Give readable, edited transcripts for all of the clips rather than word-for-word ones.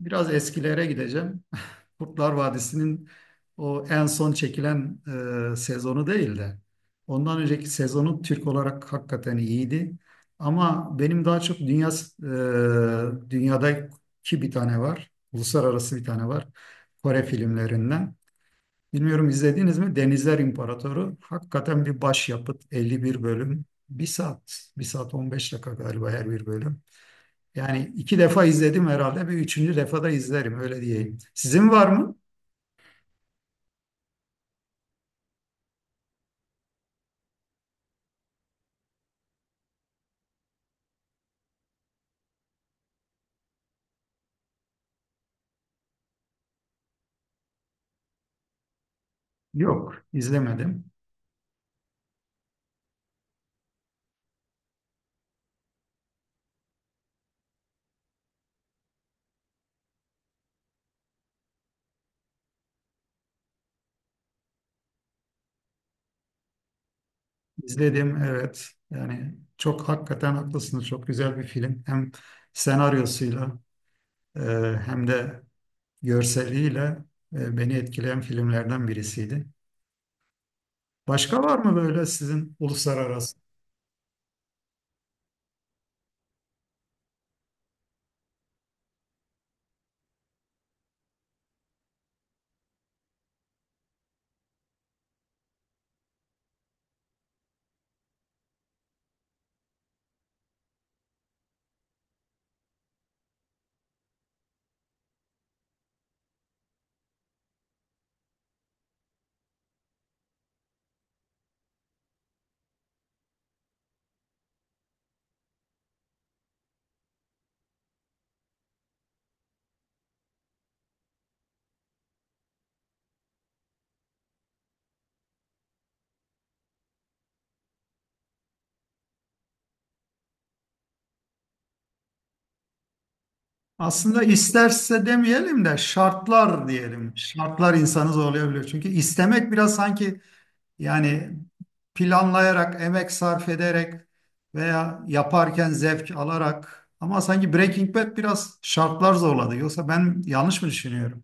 Biraz eskilere gideceğim. Kurtlar Vadisi'nin o en son çekilen sezonu değil de ondan önceki sezonu Türk olarak hakikaten iyiydi. Ama benim daha çok dünyadaki bir tane var. Uluslararası bir tane var. Kore filmlerinden. Bilmiyorum izlediniz mi? Denizler İmparatoru. Hakikaten bir başyapıt. 51 bölüm. Bir saat, bir saat 15 dakika galiba her bir bölüm. Yani iki defa izledim herhalde. Bir üçüncü defa da izlerim öyle diyeyim. Sizin var mı? Yok, izlemedim. İzledim, evet. Yani çok hakikaten haklısınız. Çok güzel bir film. Hem senaryosuyla, e, hem de görseliyle beni etkileyen filmlerden birisiydi. Başka var mı böyle sizin uluslararası? Aslında isterse demeyelim de şartlar diyelim. Şartlar insanı zorlayabiliyor. Çünkü istemek biraz sanki, yani planlayarak, emek sarf ederek veya yaparken zevk alarak, ama sanki Breaking Bad biraz şartlar zorladı. Yoksa ben yanlış mı düşünüyorum?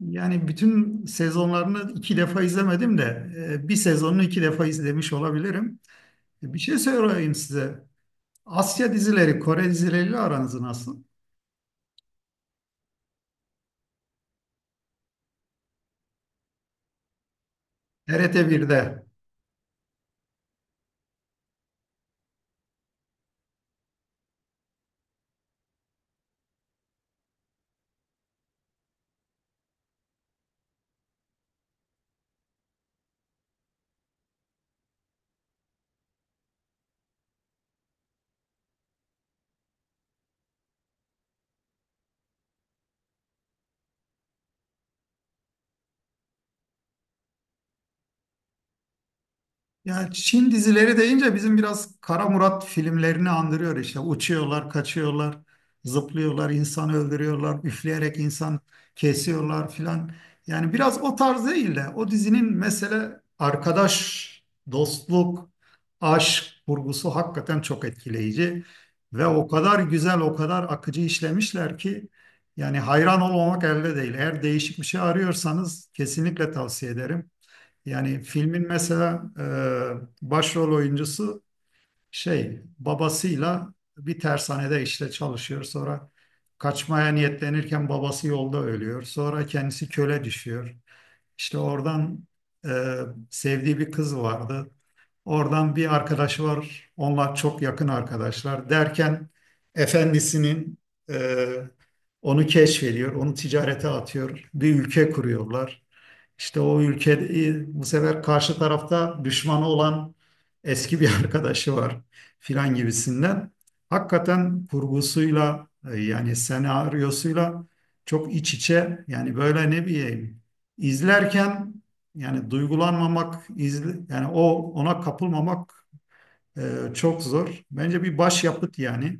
Yani bütün sezonlarını iki defa izlemedim de bir sezonunu iki defa izlemiş olabilirim. Bir şey söyleyeyim size. Asya dizileri, Kore dizileriyle aranız nasıl? TRT 1'de. Yani Çin dizileri deyince bizim biraz Kara Murat filmlerini andırıyor işte. Uçuyorlar, kaçıyorlar, zıplıyorlar, insan öldürüyorlar, üfleyerek insan kesiyorlar filan. Yani biraz o tarz değil de o dizinin mesele arkadaş, dostluk, aşk vurgusu hakikaten çok etkileyici. Ve o kadar güzel, o kadar akıcı işlemişler ki yani hayran olmamak elde değil. Eğer değişik bir şey arıyorsanız kesinlikle tavsiye ederim. Yani filmin mesela başrol oyuncusu şey babasıyla bir tersanede işte çalışıyor. Sonra kaçmaya niyetlenirken babası yolda ölüyor. Sonra kendisi köle düşüyor. İşte oradan e, sevdiği bir kız vardı. Oradan bir arkadaşı var. Onlar çok yakın arkadaşlar. Derken efendisinin e, onu keşfediyor, onu ticarete atıyor. Bir ülke kuruyorlar. İşte o ülke bu sefer karşı tarafta düşmanı olan eski bir arkadaşı var filan gibisinden. Hakikaten kurgusuyla, yani senaryosuyla çok iç içe, yani böyle ne bileyim, izlerken yani duygulanmamak izle, yani o ona kapılmamak e, çok zor. Bence bir başyapıt yani.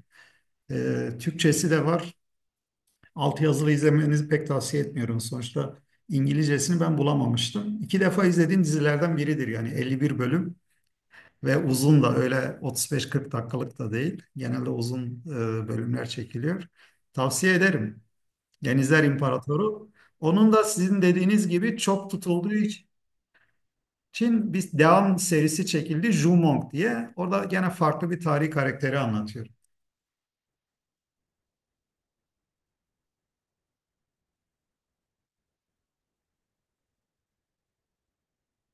E, Türkçesi de var. Altyazılı izlemenizi pek tavsiye etmiyorum. Sonuçta İngilizcesini ben bulamamıştım. İki defa izlediğim dizilerden biridir yani. 51 bölüm. Ve uzun da öyle, 35-40 dakikalık da değil. Genelde uzun bölümler çekiliyor. Tavsiye ederim. Denizler İmparatoru. Onun da sizin dediğiniz gibi çok tutulduğu için bir devam serisi çekildi. Jumong diye. Orada gene farklı bir tarihi karakteri anlatıyor.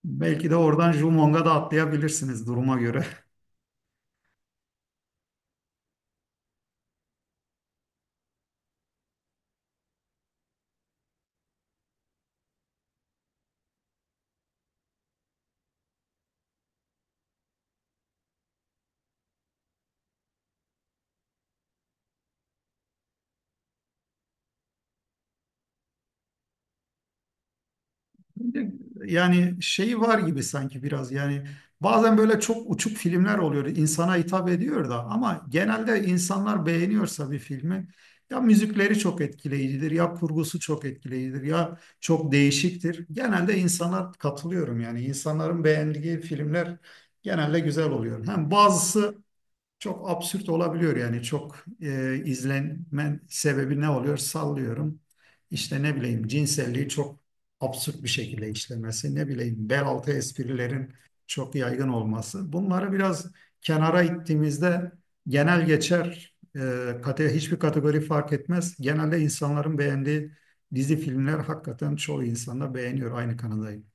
Belki de oradan Jumong'a da atlayabilirsiniz duruma göre. Yani şey var gibi, sanki biraz yani bazen böyle çok uçuk filmler oluyor, insana hitap ediyor da ama genelde insanlar beğeniyorsa bir filmi, ya müzikleri çok etkileyicidir, ya kurgusu çok etkileyicidir, ya çok değişiktir. Genelde insanlar katılıyorum yani, insanların beğendiği filmler genelde güzel oluyor. Hem bazısı çok absürt olabiliyor, yani çok izlenmen sebebi ne oluyor? Sallıyorum. İşte ne bileyim cinselliği çok absürt bir şekilde işlemesi, ne bileyim bel altı esprilerin çok yaygın olması. Bunları biraz kenara ittiğimizde genel geçer, kate, hiçbir kategori fark etmez. Genelde insanların beğendiği dizi filmler hakikaten çoğu insan da beğeniyor. Aynı kanadayım.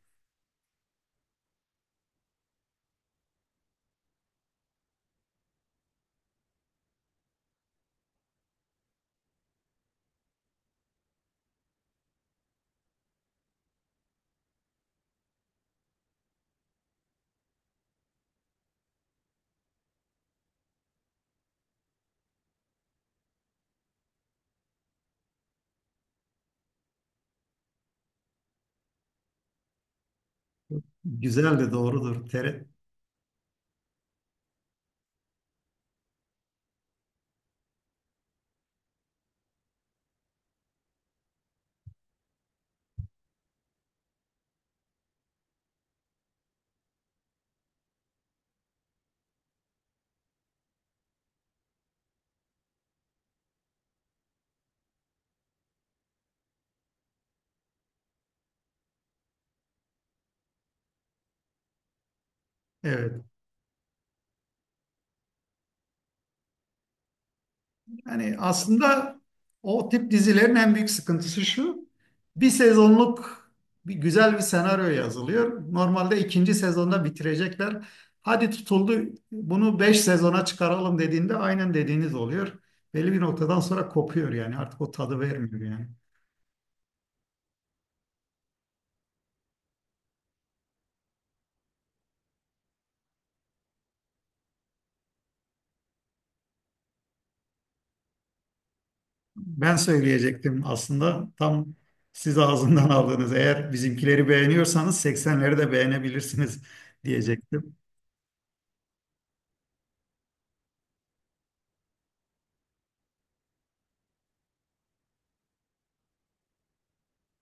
Güzel de doğrudur. Tere, evet. Yani aslında o tip dizilerin en büyük sıkıntısı şu. Bir sezonluk bir güzel bir senaryo yazılıyor. Normalde ikinci sezonda bitirecekler. Hadi tutuldu, bunu 5 sezona çıkaralım dediğinde aynen dediğiniz oluyor. Belli bir noktadan sonra kopuyor, yani artık o tadı vermiyor yani. Ben söyleyecektim aslında, tam siz ağzından aldınız. Eğer bizimkileri beğeniyorsanız 80'leri de beğenebilirsiniz diyecektim.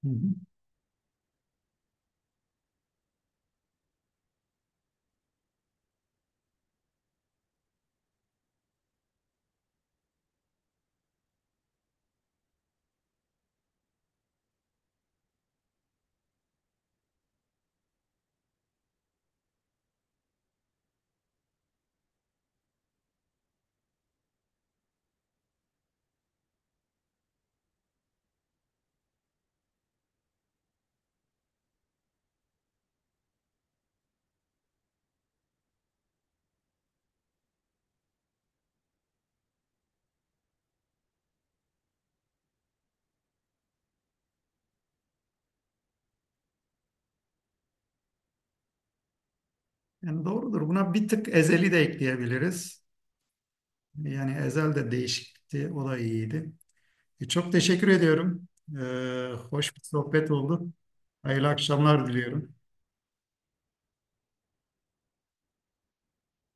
Hı hı. Yani doğrudur. Buna bir tık ezeli de ekleyebiliriz. Yani ezel de değişikti. O da iyiydi. E, çok teşekkür ediyorum. Hoş bir sohbet oldu. Hayırlı akşamlar diliyorum.